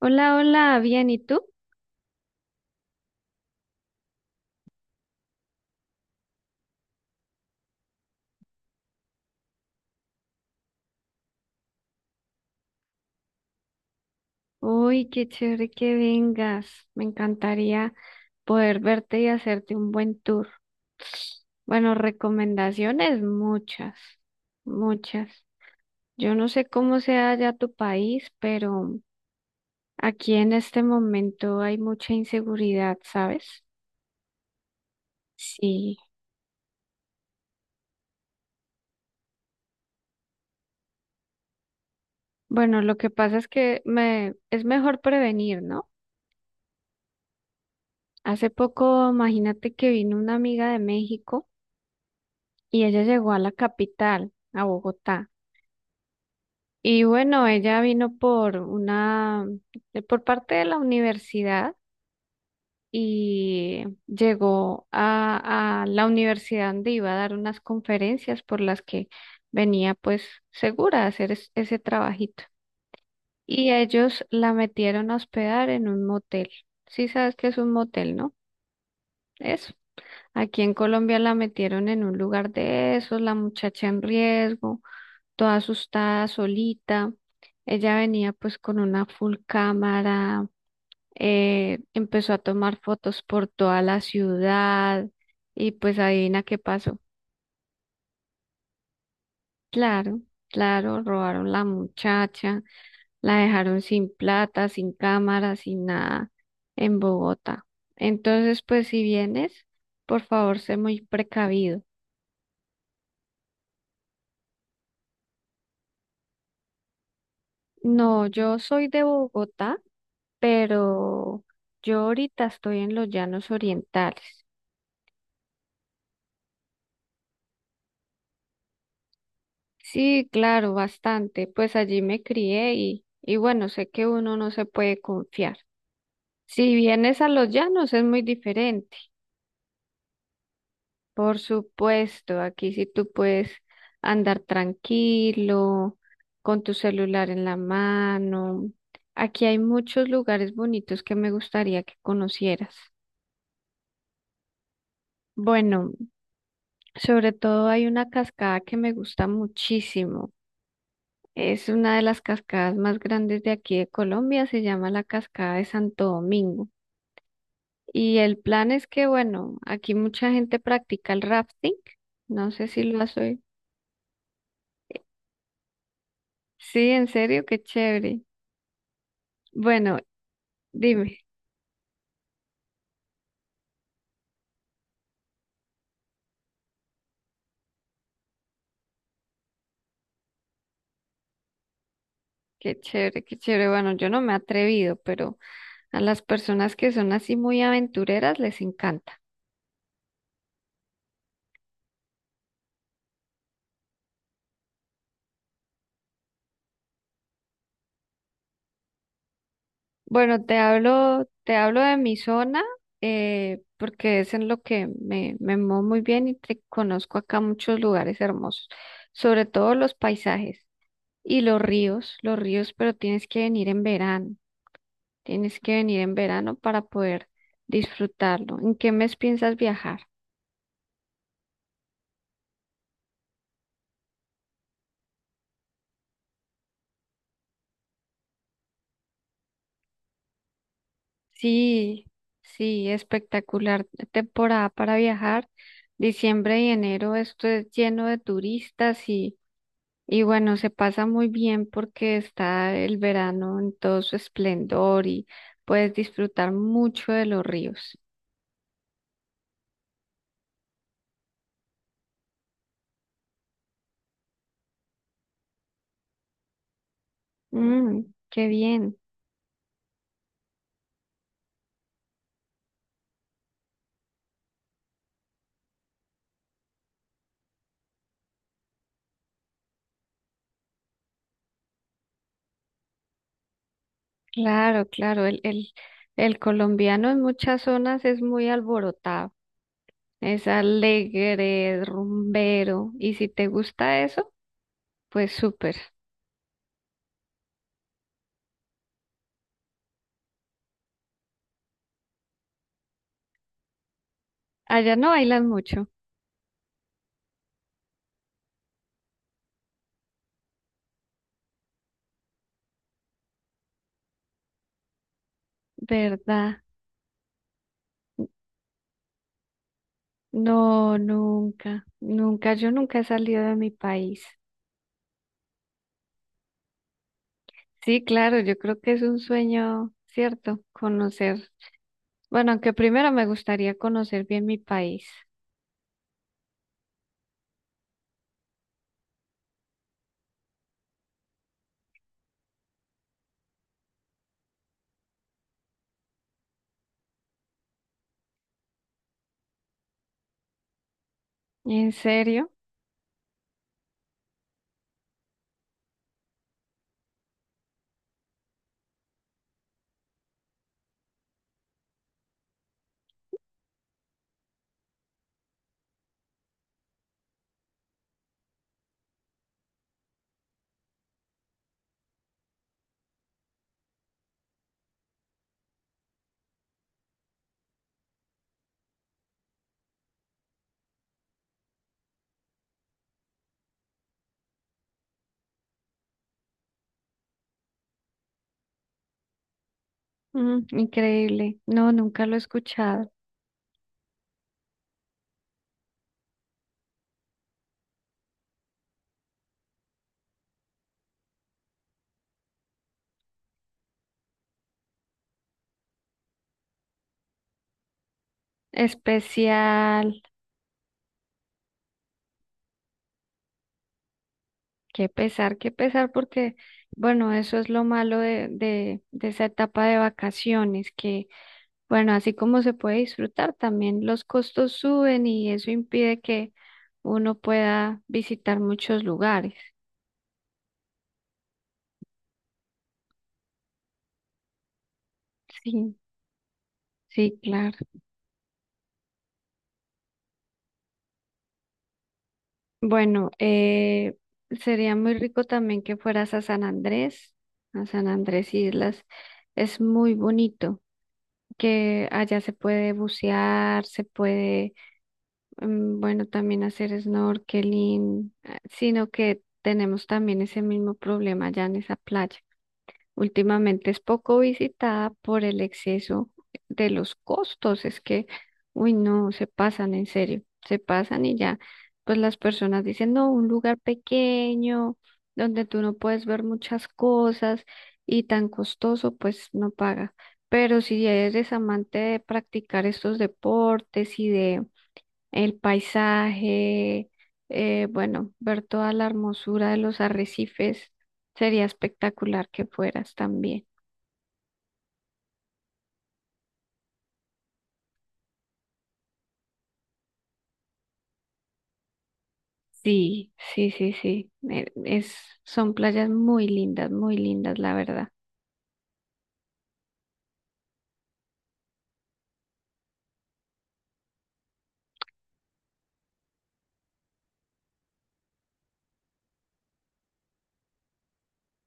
Hola, hola, bien, ¿y tú? Uy, qué chévere que vengas. Me encantaría poder verte y hacerte un buen tour. Bueno, recomendaciones muchas, muchas. Yo no sé cómo sea ya tu país, pero aquí en este momento hay mucha inseguridad, ¿sabes? Sí. Bueno, lo que pasa es que me es mejor prevenir, ¿no? Hace poco, imagínate que vino una amiga de México. Y ella llegó a la capital, a Bogotá. Y bueno, ella vino por una, por parte de la universidad y llegó a la universidad donde iba a dar unas conferencias por las que venía pues segura a hacer ese trabajito. Y ellos la metieron a hospedar en un motel. Sí sabes que es un motel, ¿no? Eso. Aquí en Colombia la metieron en un lugar de esos, la muchacha en riesgo, toda asustada, solita. Ella venía pues con una full cámara, empezó a tomar fotos por toda la ciudad y pues adivina qué pasó. Claro, claro, robaron la muchacha, la dejaron sin plata, sin cámara, sin nada en Bogotá. Entonces, pues si vienes, por favor, sé muy precavido. No, yo soy de Bogotá, pero yo ahorita estoy en los Llanos Orientales. Sí, claro, bastante. Pues allí me crié y bueno, sé que uno no se puede confiar. Si vienes a los Llanos es muy diferente. Por supuesto, aquí sí tú puedes andar tranquilo, con tu celular en la mano. Aquí hay muchos lugares bonitos que me gustaría que conocieras. Bueno. Sobre todo hay una cascada que me gusta muchísimo. Es una de las cascadas más grandes de aquí de Colombia, se llama la Cascada de Santo Domingo. Y el plan es que, bueno, aquí mucha gente practica el rafting. No sé si lo has oído. Sí, en serio, qué chévere. Bueno, dime, qué chévere, qué chévere. Bueno, yo no me he atrevido, pero a las personas que son así muy aventureras les encanta. Bueno, te hablo de mi zona, porque es en lo que me muevo muy bien y te conozco acá muchos lugares hermosos, sobre todo los paisajes y los ríos, pero tienes que venir en verano, tienes que venir en verano para poder disfrutarlo. ¿En qué mes piensas viajar? Sí, sí, espectacular temporada para viajar. Diciembre y enero, esto es lleno de turistas. Y bueno, se pasa muy bien porque está el verano en todo su esplendor y puedes disfrutar mucho de los ríos. Mm, qué bien. Claro, claro. El colombiano en muchas zonas es muy alborotado, es alegre, es rumbero. Y si te gusta eso, pues súper. Allá no bailan mucho, ¿verdad? No, nunca, nunca. Yo nunca he salido de mi país. Sí, claro, yo creo que es un sueño, ¿cierto? Conocer. Bueno, aunque primero me gustaría conocer bien mi país. ¿En serio? Mm, increíble. No, nunca lo he escuchado. Especial. Qué pesar, porque, bueno, eso es lo malo de esa etapa de vacaciones, que, bueno, así como se puede disfrutar, también los costos suben y eso impide que uno pueda visitar muchos lugares. Sí, sí, claro. Bueno, sería muy rico también que fueras a San Andrés Islas. Es muy bonito, que allá se puede bucear, se puede, mm, bueno, también hacer snorkeling, sino que tenemos también ese mismo problema allá en esa playa. Últimamente es poco visitada por el exceso de los costos. Es que, uy, no, se pasan en serio, se pasan y ya, pues las personas dicen, no, un lugar pequeño donde tú no puedes ver muchas cosas y tan costoso, pues no paga. Pero si eres amante de practicar estos deportes y de el paisaje, bueno, ver toda la hermosura de los arrecifes, sería espectacular que fueras también. Sí, sí, sí, sí, es, son playas muy lindas, la verdad.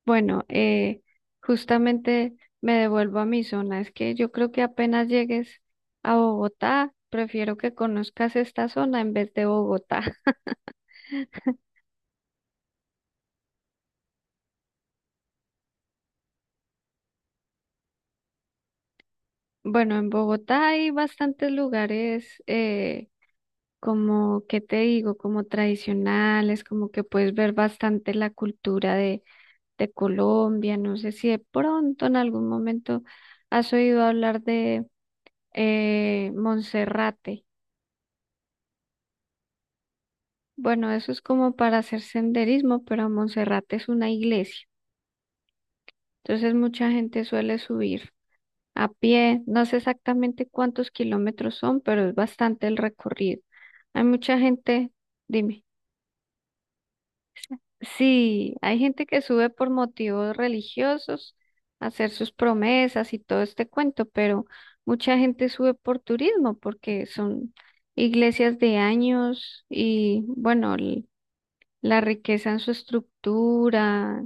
Bueno, justamente me devuelvo a mi zona, es que yo creo que apenas llegues a Bogotá, prefiero que conozcas esta zona en vez de Bogotá. Bueno, en Bogotá hay bastantes lugares, como, ¿qué te digo? Como tradicionales, como que puedes ver bastante la cultura de Colombia. No sé si de pronto en algún momento has oído hablar de Monserrate. Bueno, eso es como para hacer senderismo, pero Monserrate es una iglesia. Entonces mucha gente suele subir a pie. No sé exactamente cuántos kilómetros son, pero es bastante el recorrido. Hay mucha gente, dime. Sí, hay gente que sube por motivos religiosos, hacer sus promesas y todo este cuento, pero mucha gente sube por turismo porque son iglesias de años y bueno, la riqueza en su estructura,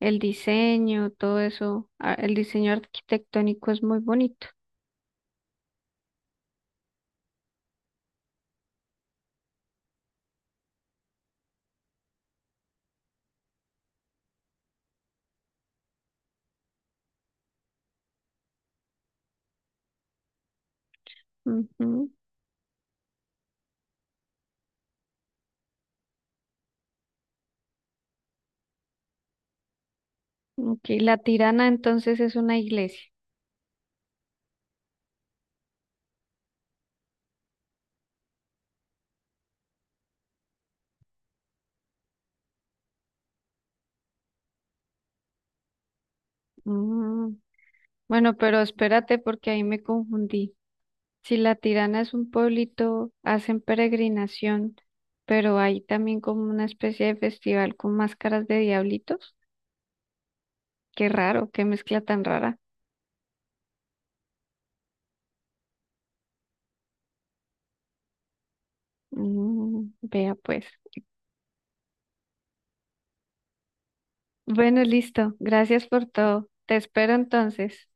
el diseño, todo eso, el diseño arquitectónico es muy bonito. Ujú. Ok, La Tirana entonces es una iglesia. Mm. Bueno, pero espérate porque ahí me confundí. Si La Tirana es un pueblito, hacen peregrinación, pero hay también como una especie de festival con máscaras de diablitos. Qué raro, qué mezcla tan rara. Mm, vea pues. Bueno, listo. Gracias por todo. Te espero entonces.